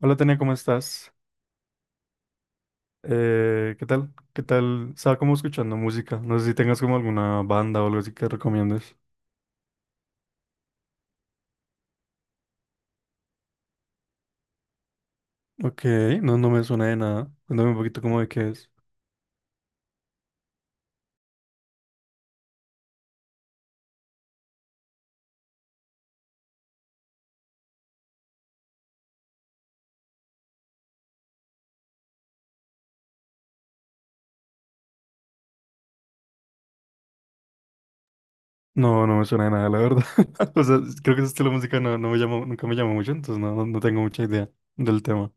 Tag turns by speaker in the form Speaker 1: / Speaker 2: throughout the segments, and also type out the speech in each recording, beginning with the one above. Speaker 1: Hola Tania, ¿cómo estás? ¿Qué tal? ¿Qué tal? Estaba como escuchando música. No sé si tengas como alguna banda o algo así que recomiendes. Ok, no me suena de nada. Cuéntame un poquito como de qué es. No me suena de nada, la verdad. O sea, creo que ese estilo de música no me llamó, nunca me llamó mucho, entonces no tengo mucha idea del tema.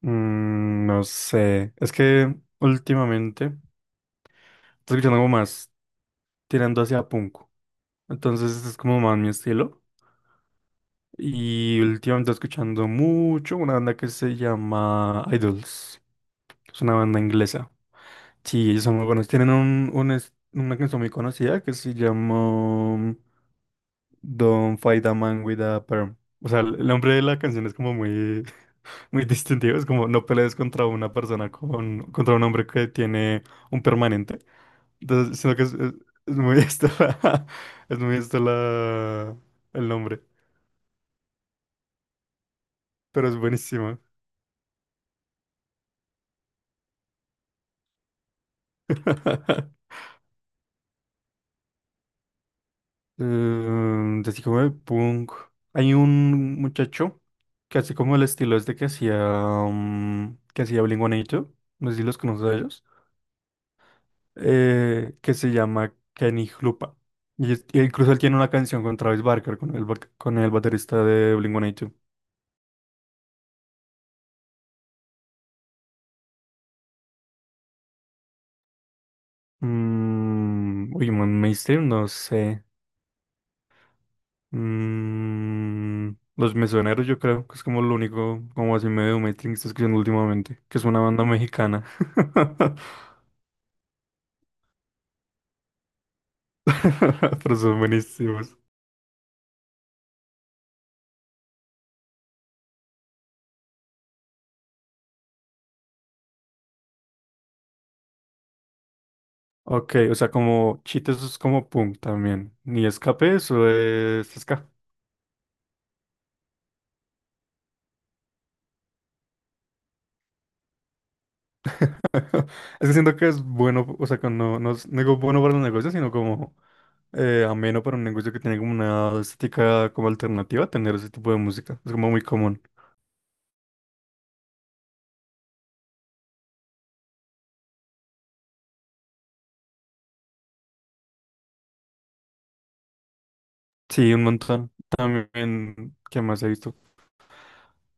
Speaker 1: No sé. Es que últimamente estoy escuchando algo más tirando hacia punk. Entonces este es como más mi estilo. Y últimamente estoy escuchando mucho una banda que se llama Idols. Es una banda inglesa. Sí, ellos son muy buenos. Tienen una canción muy conocida que se llama Don't Fight a Man with a Perm. O sea, el nombre de la canción es como muy, muy distintivo. Es como no pelees contra una persona contra un hombre que tiene un permanente. Entonces, sino que es muy es muy esto la, el nombre. Pero es buenísimo. Así como de punk. Hay un muchacho que así como el estilo es de que hacía Blink-182, no sé si los conoces a ellos, que se llama Kenny Hlupa. Y incluso él tiene una canción con Travis Barker, con el baterista de Blink-182. Uy, man, mainstream, no sé. Los Mesoneros, yo creo que es como lo único, como así medio mainstream que estoy escuchando últimamente, que es una banda mexicana. Pero son buenísimos. Ok, o sea, como cheat eso es como punk también. Ni escape, eso es escape. Es que siento que es bueno, o sea, que no, no es no digo bueno para los negocios, sino como ameno para un negocio que tiene como una estética como alternativa, tener ese tipo de música. Es como muy común. Sí, un montón. También, ¿qué más he visto?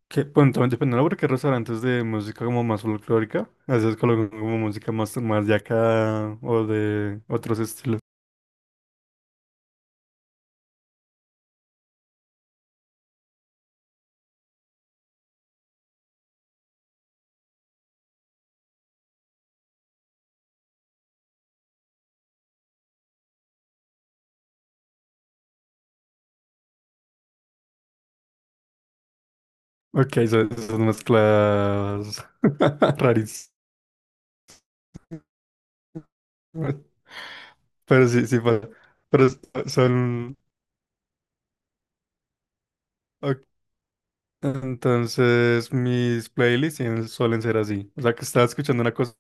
Speaker 1: Que, bueno, también dependiendo porque hay restaurantes de música como más folclórica, a veces colocan como música más de acá o de otros estilos. Ok, son esas mezclas rarísimas. Pero sí, sí, pasa, pero son. Ok. Entonces, mis playlists suelen ser así. O sea, que estaba escuchando una cosa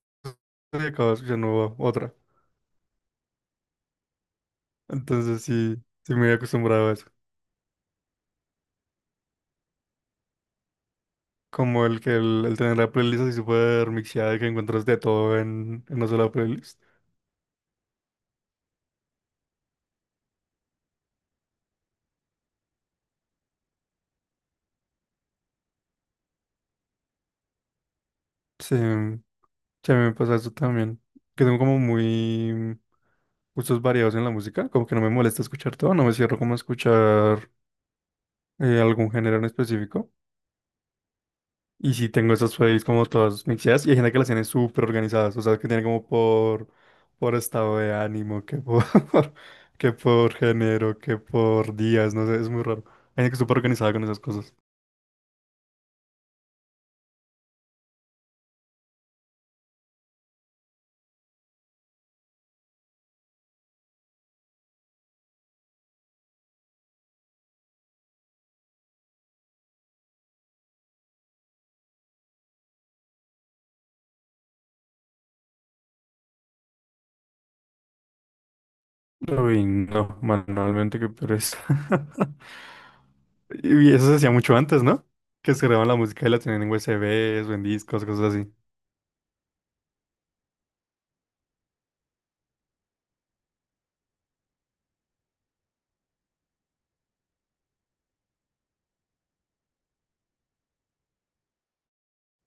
Speaker 1: y acababa escuchando otra. Entonces, sí, sí me he acostumbrado a eso. Como el que el tener la playlist así súper mixeada y que encuentras de todo en una sola playlist. Sí. Sí, a mí me pasa eso también, que tengo como muy gustos variados en la música, como que no me molesta escuchar todo, no me cierro como a escuchar algún género en específico. Y sí tengo esas playlists como todas mixeadas y hay gente que las tiene súper organizadas, o sea, que tiene como por estado de ánimo, que por, que por género, que por días, no sé, es muy raro. Hay gente que es súper organizada con esas cosas. Uy, no, manualmente que pereza. Y eso se hacía mucho antes, ¿no? Que se grababan la música y la tenían en USBs o en discos, cosas así.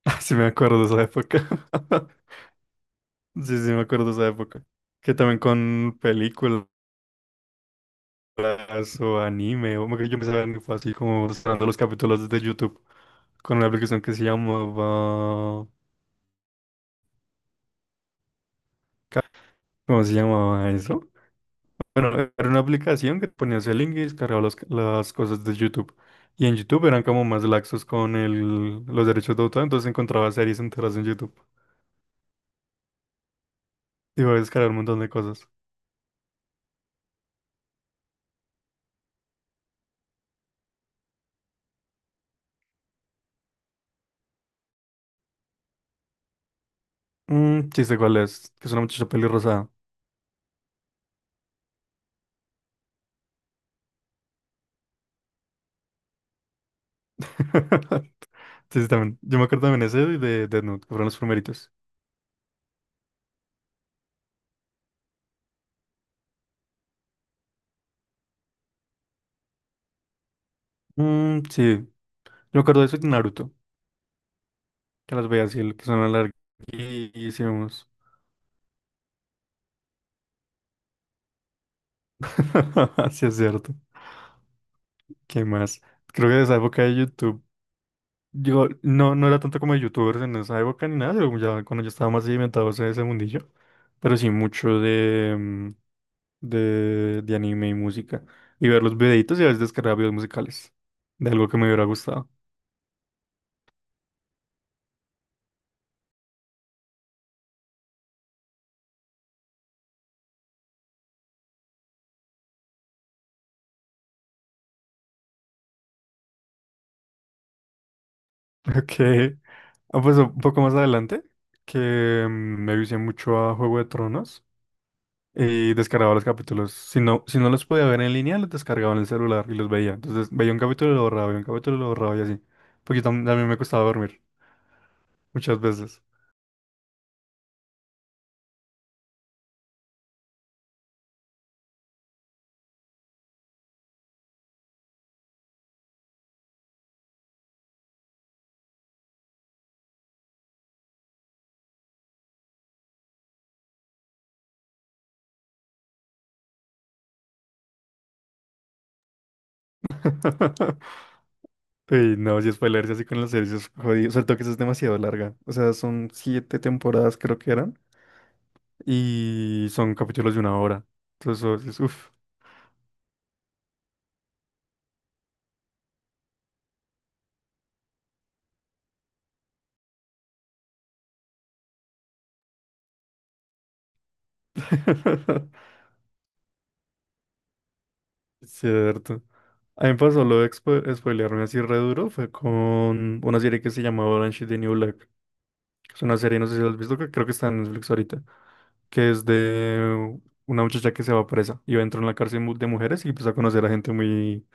Speaker 1: Sí me acuerdo de esa época. Sí, sí me acuerdo de esa época. Que también con películas o anime, o que yo empecé a ver fue así como mostrando los capítulos desde YouTube con una aplicación que se llamaba. ¿Cómo se llamaba eso? Bueno, era una aplicación que ponías el link y descargaba las cosas de YouTube. Y en YouTube eran como más laxos con los derechos de autor, entonces encontraba series enteras en YouTube. Y iba a descargar un montón de cosas. Chiste, ¿cuál es? Que es una muchacha pelirrosada. Sí, sí, también. Yo me acuerdo también ese y de Death Note, que fueron los primeritos. Mm, sí, yo me acuerdo de eso y de Naruto, que las veía así, que son larguísimos. Sí, es cierto. ¿Qué más? Creo que de esa época de YouTube. Yo no era tanto como de youtubers en esa época ni nada, pero ya cuando yo estaba más sedimentado en ese mundillo, pero sí mucho de anime y música. Y ver los videitos y a veces descargar videos musicales de algo que me hubiera gustado. Ok. Ah, pues un poco más adelante, que me vicié mucho a Juego de Tronos y descargaba los capítulos. Si no, si no los podía ver en línea, los descargaba en el celular y los veía. Entonces veía un capítulo y lo borraba, veía un capítulo y lo borraba y así. Porque también me costaba dormir muchas veces. Uy, no, si spoilerse así con los servicios jodidos, sobre todo que eso es demasiado larga. O sea, son siete temporadas creo que eran y son capítulos de una hora. Entonces, eso es uff. Cierto. A mí me pasó lo de spoilearme así re duro, fue con una serie que se llama Orange is the New Black. Es una serie, no sé si la has visto, que creo que está en Netflix ahorita, que es de una muchacha que se va presa y va a entrar en la cárcel de mujeres y empieza a conocer a gente muy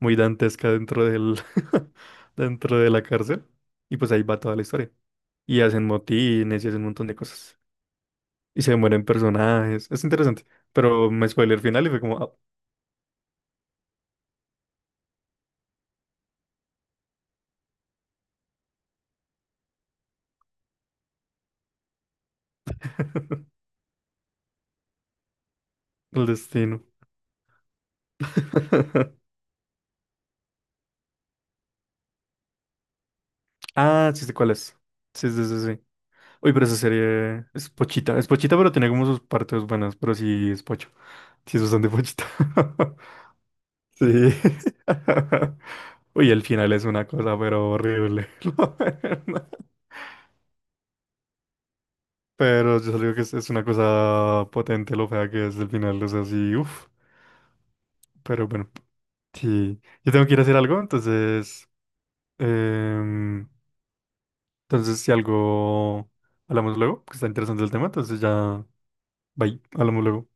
Speaker 1: muy dantesca dentro de la cárcel. Y pues ahí va toda la historia. Y hacen motines y hacen un montón de cosas. Y se mueren personajes. Es interesante. Pero me spoiler el final y fue como, "Ah, el destino." Ah, sí sé cuál es. Sí, sí, sí, sí. Uy, pero esa serie es pochita. Es pochita, pero tiene como sus partes buenas. Pero sí es pocho. Sí es bastante pochita. Sí. Uy, el final es una cosa, pero horrible. La verdad. Pero yo solo digo que es una cosa potente lo fea que es el final, o sea, sí, uff. Pero bueno, sí. Yo tengo que ir a hacer algo, em, entonces, si algo hablamos luego, que está interesante el tema, entonces ya. Bye, hablamos luego.